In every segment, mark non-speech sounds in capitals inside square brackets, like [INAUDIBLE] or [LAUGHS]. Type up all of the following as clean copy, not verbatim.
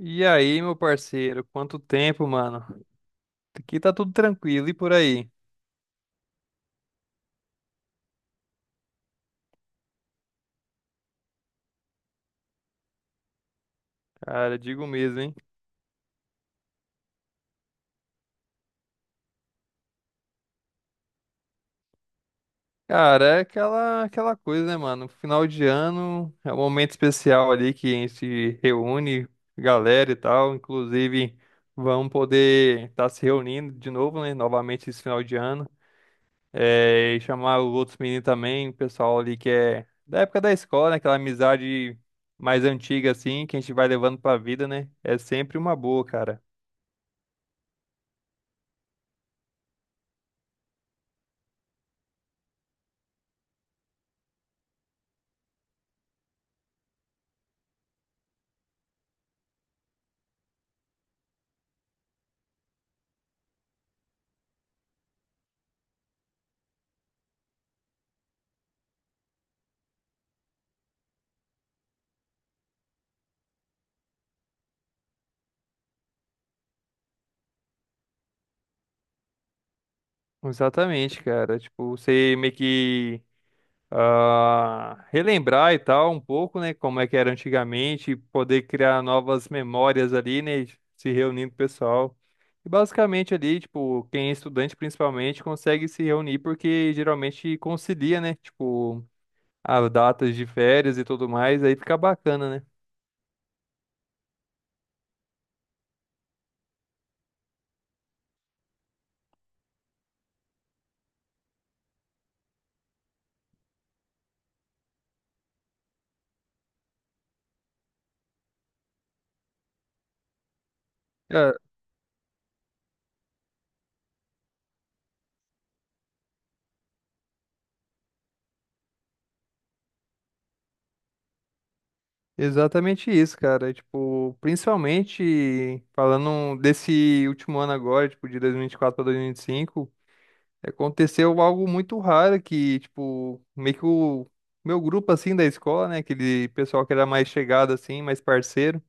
E aí, meu parceiro, quanto tempo, mano? Aqui tá tudo tranquilo e por aí? Cara, digo mesmo, hein? Cara, é aquela coisa, né, mano? Final de ano é um momento especial ali que a gente se reúne, galera e tal. Inclusive, vamos poder estar se reunindo de novo, né? Novamente esse final de ano. É, e chamar os outros meninos também, o pessoal ali que é da época da escola, né? Aquela amizade mais antiga, assim, que a gente vai levando pra vida, né? É sempre uma boa, cara. Exatamente, cara. Tipo, você meio que relembrar e tal um pouco, né? Como é que era antigamente, poder criar novas memórias ali, né? Se reunindo com o pessoal. E basicamente ali, tipo, quem é estudante principalmente consegue se reunir porque geralmente concilia, né? Tipo, as datas de férias e tudo mais, aí fica bacana, né? Cara, exatamente isso, cara. Tipo, principalmente falando desse último ano agora, tipo, de 2024 para 2025. Aconteceu algo muito raro que, tipo, meio que o meu grupo, assim, da escola, né? Aquele pessoal que era mais chegado, assim, mais parceiro,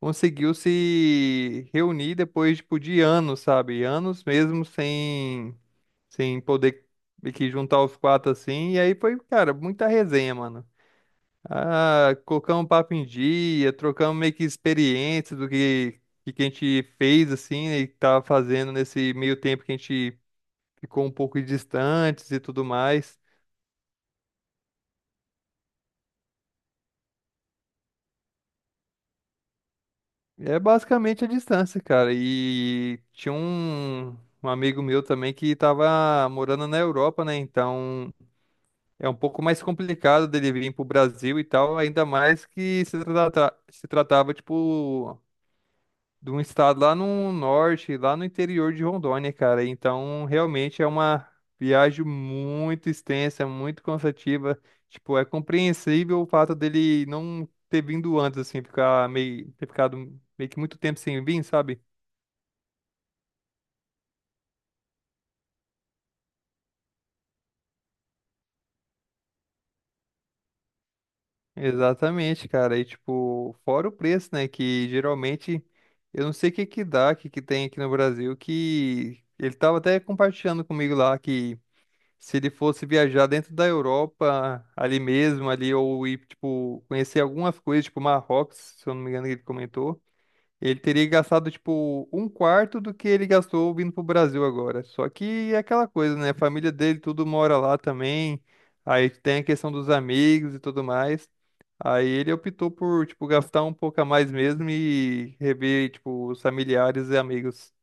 conseguiu se reunir depois, tipo, de anos, sabe? Anos mesmo sem poder meio que juntar os quatro, assim. E aí foi, cara, muita resenha, mano. Ah, colocamos papo em dia, trocamos meio que experiências do que a gente fez, assim, né, e que tava fazendo nesse meio tempo que a gente ficou um pouco distantes e tudo mais. É basicamente a distância, cara. Um amigo meu também que estava morando na Europa, né? Então é um pouco mais complicado dele vir pro Brasil e tal, ainda mais que se tratava, tipo, de um estado lá no norte, lá no interior de Rondônia, cara. Então, realmente é uma viagem muito extensa, muito cansativa. Tipo, é compreensível o fato dele não ter vindo antes, assim, ter ficado meio que muito tempo sem vir, sabe? Exatamente, cara. E, tipo, fora o preço, né? Que geralmente eu não sei o que dá, o que tem aqui no Brasil, que ele tava até compartilhando comigo lá que se ele fosse viajar dentro da Europa, ali mesmo, ali, ou ir, tipo, conhecer algumas coisas, tipo Marrocos, se eu não me engano, que ele comentou, ele teria gastado, tipo, um quarto do que ele gastou vindo pro Brasil agora. Só que é aquela coisa, né? A família dele tudo mora lá também, aí tem a questão dos amigos e tudo mais. Aí ele optou por, tipo, gastar um pouco a mais mesmo e rever, tipo, os familiares e amigos.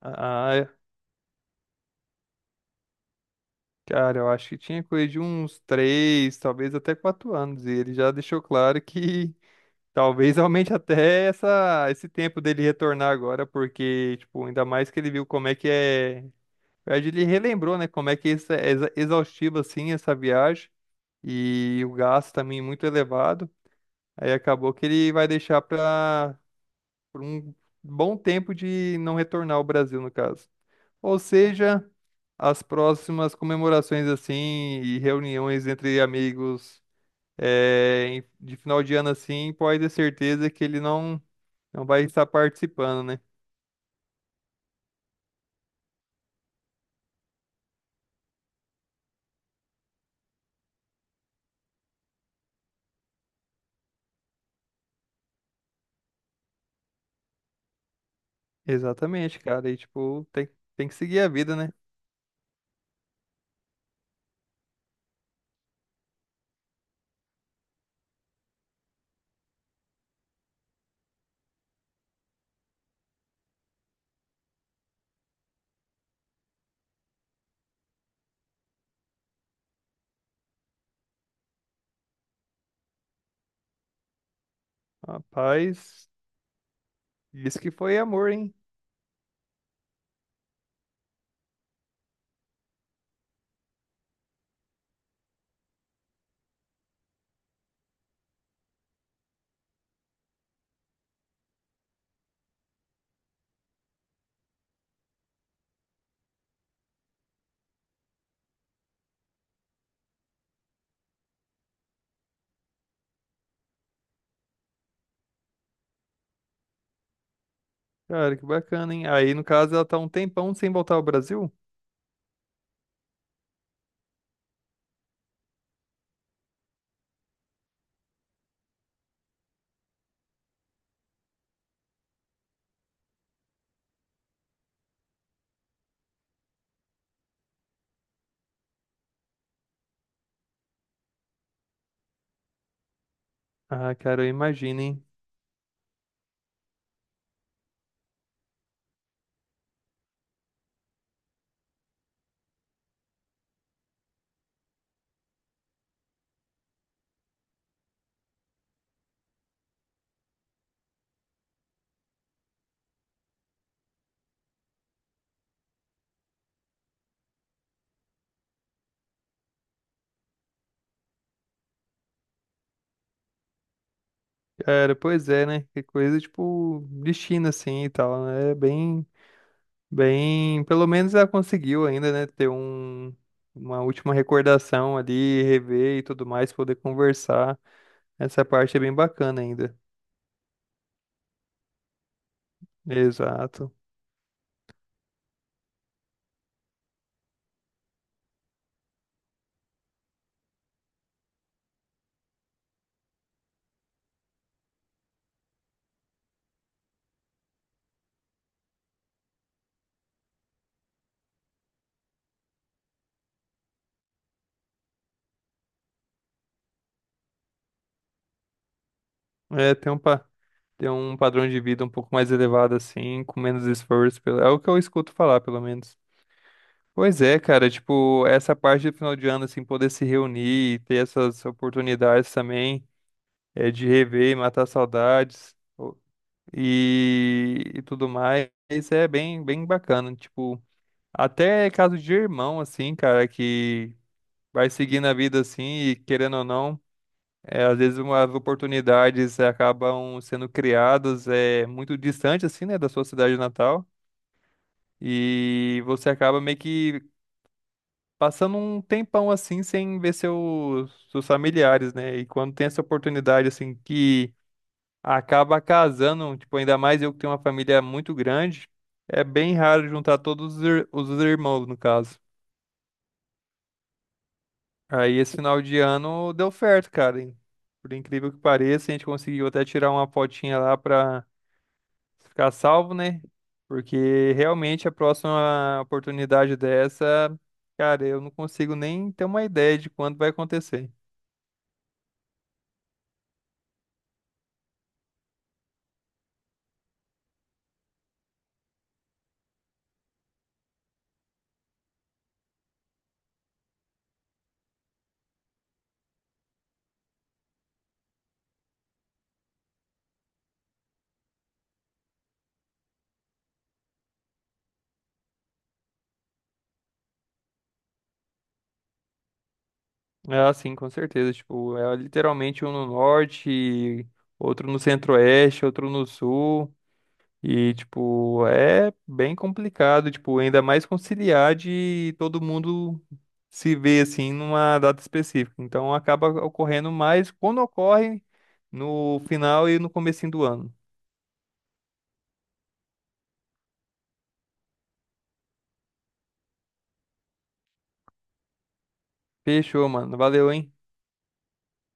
Ah, cara, eu acho que tinha coisa de uns três, talvez até quatro anos. E ele já deixou claro que [LAUGHS] talvez aumente até esse tempo dele retornar agora, porque, tipo, ainda mais que ele viu como é que é. Na verdade, ele relembrou, né? Como é que isso é exaustivo, assim, essa viagem. E o gasto também é muito elevado. Aí acabou que ele vai deixar para um bom tempo de não retornar ao Brasil, no caso. Ou seja, as próximas comemorações assim e reuniões entre amigos de final de ano assim, pode ter certeza que ele não vai estar participando, né? Exatamente, cara. E tipo, tem que seguir a vida, né? Rapaz, isso que foi amor, hein? Cara, que bacana, hein? Aí, no caso, ela tá um tempão sem voltar ao Brasil? Ah, cara, eu imagino, hein? Cara, pois é, né? Que coisa, tipo, de China assim, e tal, né? Bem, pelo menos ela conseguiu ainda, né, ter uma última recordação ali, rever e tudo mais, poder conversar. Essa parte é bem bacana ainda. Exato. É, ter um padrão de vida um pouco mais elevado assim, com menos esforço, é o que eu escuto falar, pelo menos. Pois é, cara, tipo, essa parte do final de ano, assim, poder se reunir e ter essas oportunidades também, é, de rever e matar saudades, e tudo mais. Isso é bem bacana. Tipo, até é caso de irmão, assim, cara, que vai seguindo a vida assim e querendo ou não, é, às vezes umas oportunidades acabam sendo criadas é, muito distante, assim, né, da sua cidade natal. E você acaba meio que passando um tempão assim sem ver seus familiares, né? E quando tem essa oportunidade assim que acaba casando, tipo, ainda mais eu que tenho uma família muito grande, é bem raro juntar todos os irmãos, no caso. Aí esse final de ano deu certo, cara, hein? Por incrível que pareça, a gente conseguiu até tirar uma fotinha lá pra ficar salvo, né? Porque realmente a próxima oportunidade dessa, cara, eu não consigo nem ter uma ideia de quando vai acontecer. Ah, sim, com certeza. Tipo, é literalmente um no norte, outro no centro-oeste, outro no sul. E, tipo, é bem complicado, tipo, ainda mais conciliar de todo mundo se ver, assim, numa data específica. Então, acaba ocorrendo mais quando ocorre no final e no comecinho do ano. Fechou, mano. Valeu, hein?